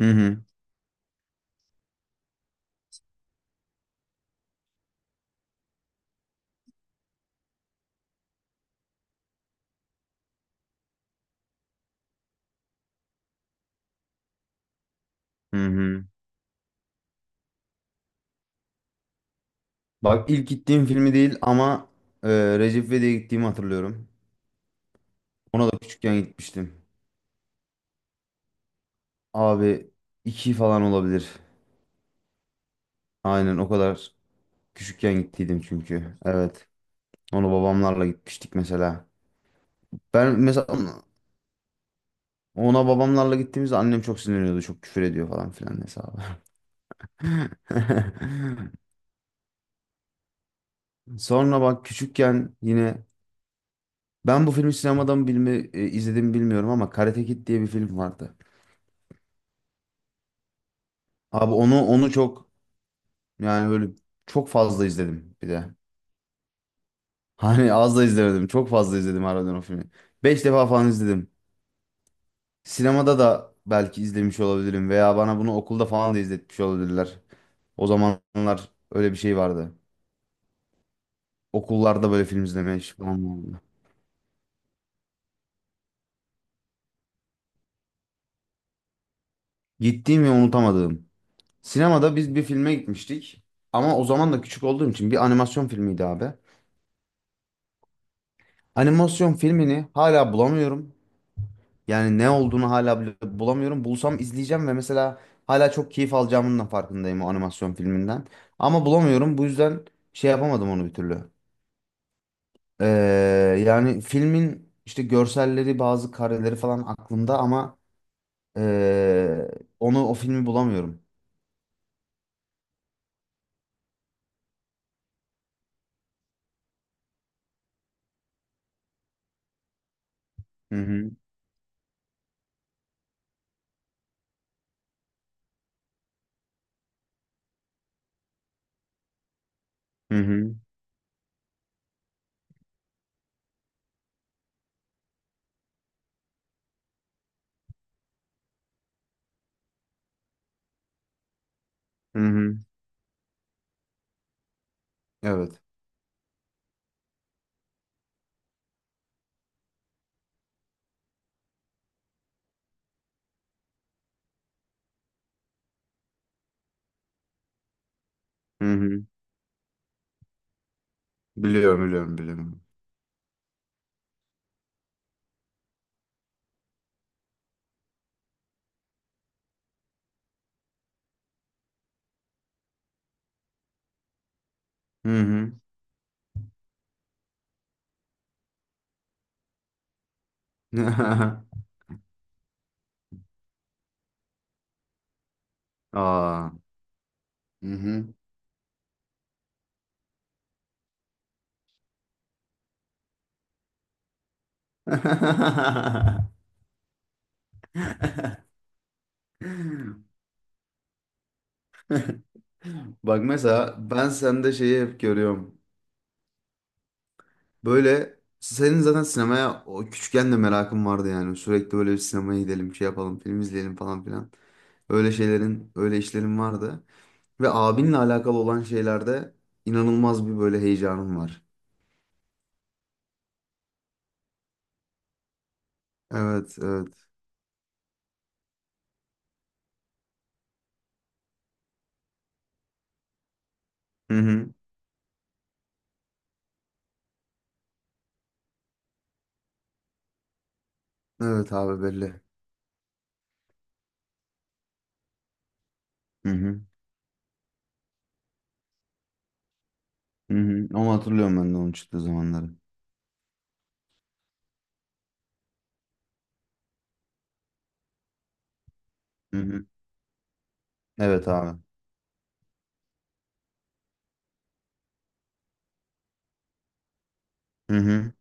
Hı hı. Hı hı. Bak ilk gittiğim filmi değil ama e, Recep İvedik'e gittiğimi hatırlıyorum. Ona da küçükken gitmiştim. Abi iki falan olabilir. Aynen o kadar küçükken gittiydim çünkü. Evet. Ona babamlarla gitmiştik mesela. Ben mesela ona babamlarla gittiğimizde annem çok sinirleniyordu. Çok küfür ediyor falan filan hesabı. Sonra bak küçükken yine ben bu filmi sinemadan bilme, izlediğimi bilmiyorum ama Karate Kid diye bir film vardı. Abi onu çok. Yani böyle çok fazla izledim bir de. Hani az da izlemedim. Çok fazla izledim harbiden o filmi. 5 defa falan izledim. Sinemada da belki izlemiş olabilirim veya bana bunu okulda falan da izletmiş olabilirler. O zamanlar öyle bir şey vardı. Okullarda böyle film izlemeye falan vardı. Gittiğim ve unutamadığım. Sinemada biz bir filme gitmiştik. Ama o zaman da küçük olduğum için bir animasyon filmiydi abi. Animasyon filmini hala bulamıyorum. Yani ne olduğunu hala bile bulamıyorum. Bulsam izleyeceğim ve mesela hala çok keyif alacağımın da farkındayım o animasyon filminden. Ama bulamıyorum. Bu yüzden şey yapamadım onu bir türlü. Ee, Yani filmin işte görselleri, bazı kareleri falan aklımda ama ee, o filmi bulamıyorum. Hı hı. Hı hı. Hı hı. Evet. Hı hı. Biliyorum, biliyorum, biliyorum. Hı hı. Aa. Hı hı. Bak mesela ben sende şeyi hep görüyorum. Böyle senin zaten sinemaya o küçükken de merakın vardı yani. Sürekli böyle bir sinemaya gidelim, şey yapalım, film izleyelim falan filan. Öyle şeylerin, öyle işlerin vardı. Ve abinle alakalı olan şeylerde inanılmaz bir böyle heyecanım var. Evet, evet. Hı hı. Evet abi belli. Hı hı. Hı hı. Ama hatırlıyorum ben de onun çıktığı zamanları. Hı hı. Evet abi. Hı hı.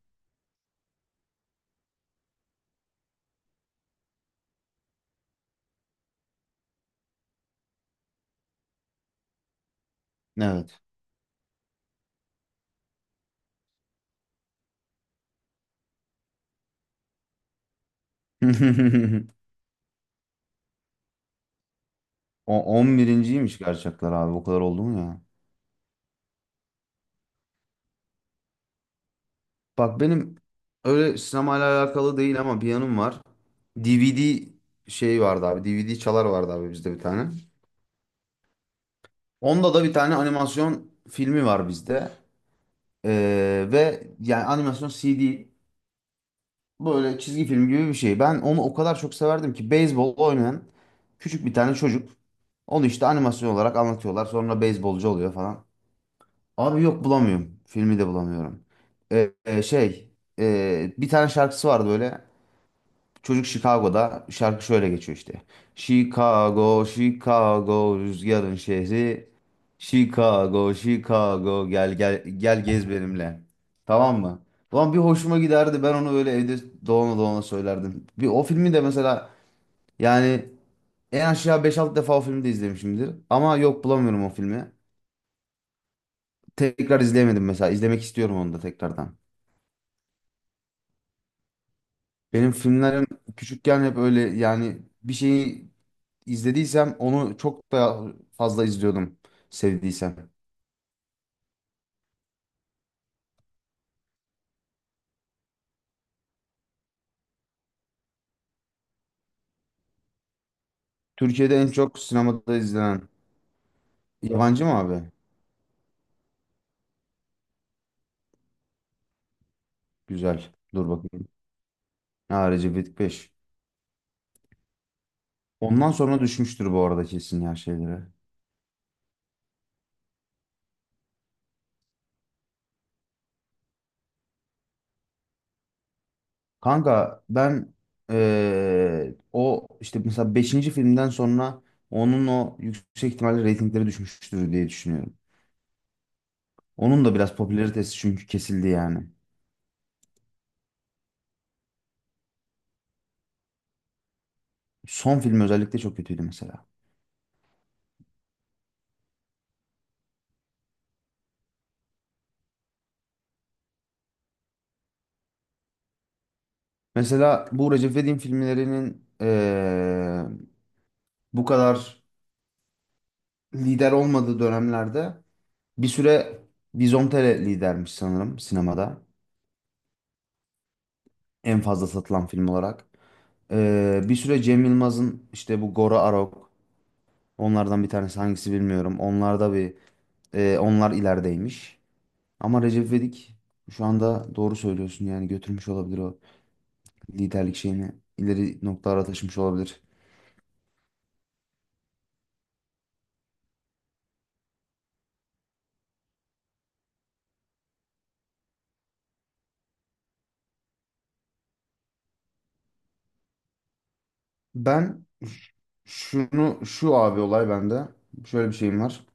Evet. O on birinciymiş gerçekler abi. O kadar oldu mu ya? Bak benim öyle sinemayla alakalı değil ama bir yanım var. DVD şey vardı abi. DVD çalar vardı abi bizde bir tane. Onda da bir tane animasyon filmi var bizde. Ve yani animasyon CD böyle çizgi film gibi bir şey. Ben onu o kadar çok severdim ki beyzbol oynayan küçük bir tane çocuk. Onu işte animasyon olarak anlatıyorlar. Sonra beyzbolcu oluyor falan. Abi yok bulamıyorum. Filmi de bulamıyorum. Şey, bir tane şarkısı vardı böyle. Çocuk Chicago'da şarkı şöyle geçiyor işte. Chicago, Chicago rüzgarın şehri. Chicago, Chicago gel gel gel gez benimle. Tamam mı? Ulan bir hoşuma giderdi. Ben onu öyle evde dolana dolana söylerdim. Bir o filmi de mesela yani en aşağı 5-6 defa o filmi de izlemişimdir. Ama yok bulamıyorum o filmi. Tekrar izleyemedim mesela. İzlemek istiyorum onu da tekrardan. Benim filmlerim küçükken hep öyle yani bir şeyi izlediysem onu çok da fazla izliyordum sevdiysem. Türkiye'de en çok sinemada izlenen yabancı mı abi? Güzel. Dur bakayım. Ha, Recep İvedik 5. Ondan sonra düşmüştür bu arada kesin ya şeylere. Kanka ben o işte mesela beşinci filmden sonra onun o yüksek ihtimalle reytingleri düşmüştür diye düşünüyorum. Onun da biraz popülaritesi çünkü kesildi yani. Son film özellikle çok kötüydü mesela. Mesela bu Recep İvedik'in filmlerinin bu kadar lider olmadığı dönemlerde bir süre Vizontele lidermiş sanırım sinemada. En fazla satılan film olarak. Bir süre Cem Yılmaz'ın işte bu Gora Arok onlardan bir tanesi hangisi bilmiyorum. Onlar da bir onlar ilerideymiş. Ama Recep İvedik şu anda doğru söylüyorsun yani götürmüş olabilir o liderlik şeyini ileri noktalara taşımış olabilir. Ben şunu şu abi, olay bende. Şöyle bir şeyim var.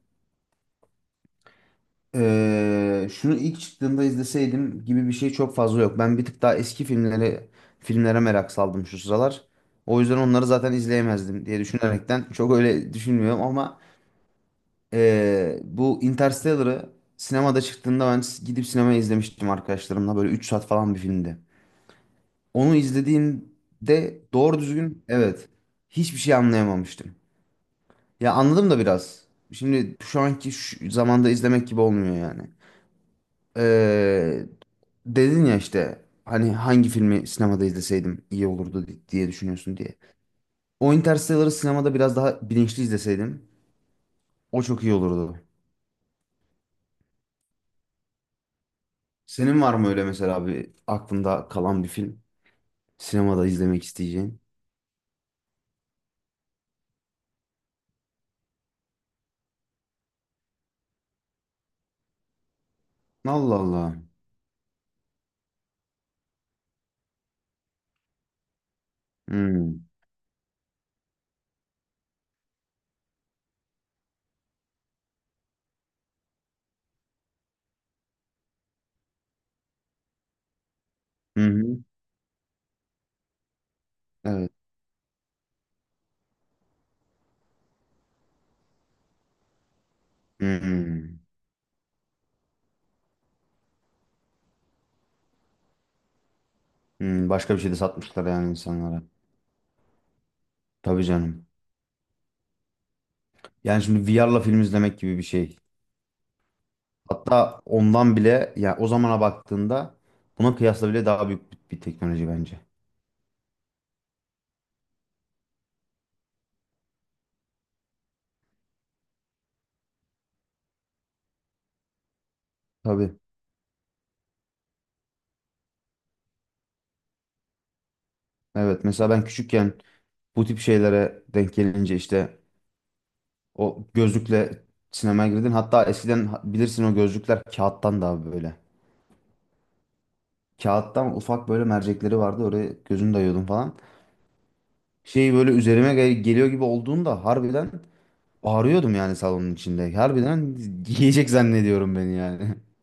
Şunu ilk çıktığında izleseydim gibi bir şey çok fazla yok. Ben bir tık daha eski filmlere merak saldım şu sıralar. O yüzden onları zaten izleyemezdim diye düşünerekten çok öyle düşünmüyorum ama bu Interstellar'ı sinemada çıktığında ben gidip sinemaya izlemiştim arkadaşlarımla. Böyle 3 saat falan bir filmdi. Onu izlediğimde doğru düzgün evet hiçbir şey anlayamamıştım. Ya anladım da biraz. Şimdi şu anki şu zamanda izlemek gibi olmuyor yani. Ee, Dedin ya işte hani hangi filmi sinemada izleseydim iyi olurdu diye düşünüyorsun diye. O Interstellar'ı sinemada biraz daha bilinçli izleseydim o çok iyi olurdu. Senin var mı öyle mesela bir aklında kalan bir film sinemada izlemek isteyeceğin? Allah Allah. Hmm. Hı hı. Evet. Hı hı. Hı. Başka bir şey de satmışlar yani insanlara. Tabii canım. Yani şimdi VR'la film izlemek gibi bir şey. Hatta ondan bile ya o zamana baktığında buna kıyasla bile daha büyük bir teknoloji bence. Tabii. Evet. Mesela ben küçükken bu tip şeylere denk gelince işte o gözlükle sinemaya girdim. Hatta eskiden bilirsin o gözlükler kağıttan daha böyle. Kağıttan ufak böyle mercekleri vardı. Oraya gözünü dayıyordum falan. Şey böyle üzerime geliyor gibi olduğunda harbiden bağırıyordum yani salonun içinde. Harbiden yiyecek zannediyorum beni yani.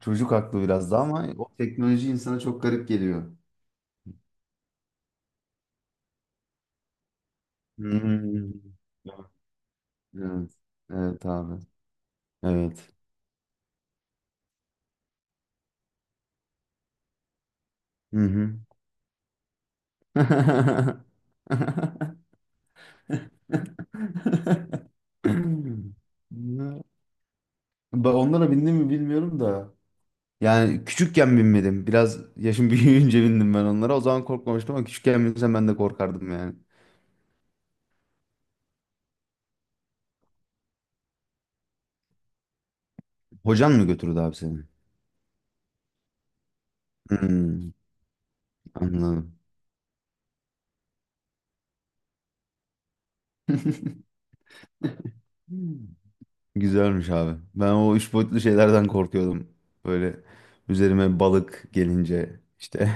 Çocuk haklı biraz da ama o teknoloji insana çok garip geliyor. Hmm. Evet. Evet abi. Evet. Hı hı. Ben onlara bindim mi bilmiyorum da. Yani küçükken binmedim. Biraz yaşım büyüyünce bindim ben onlara. O zaman korkmamıştım ama küçükken binsem ben de korkardım yani. Hocan mı götürdü abi seni? Hmm, anladım. Güzelmiş abi. Ben o 3 boyutlu şeylerden korkuyordum. Böyle üzerime balık gelince işte.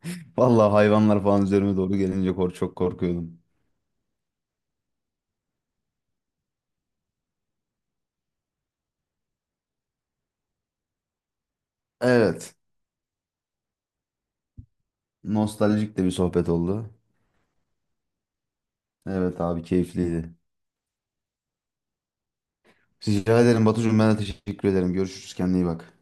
Vallahi hayvanlar falan üzerime doğru gelince çok korkuyordum. Evet. Nostaljik de bir sohbet oldu. Evet abi keyifliydi. Rica ederim Batucuğum ben de teşekkür ederim. Görüşürüz kendine iyi bak.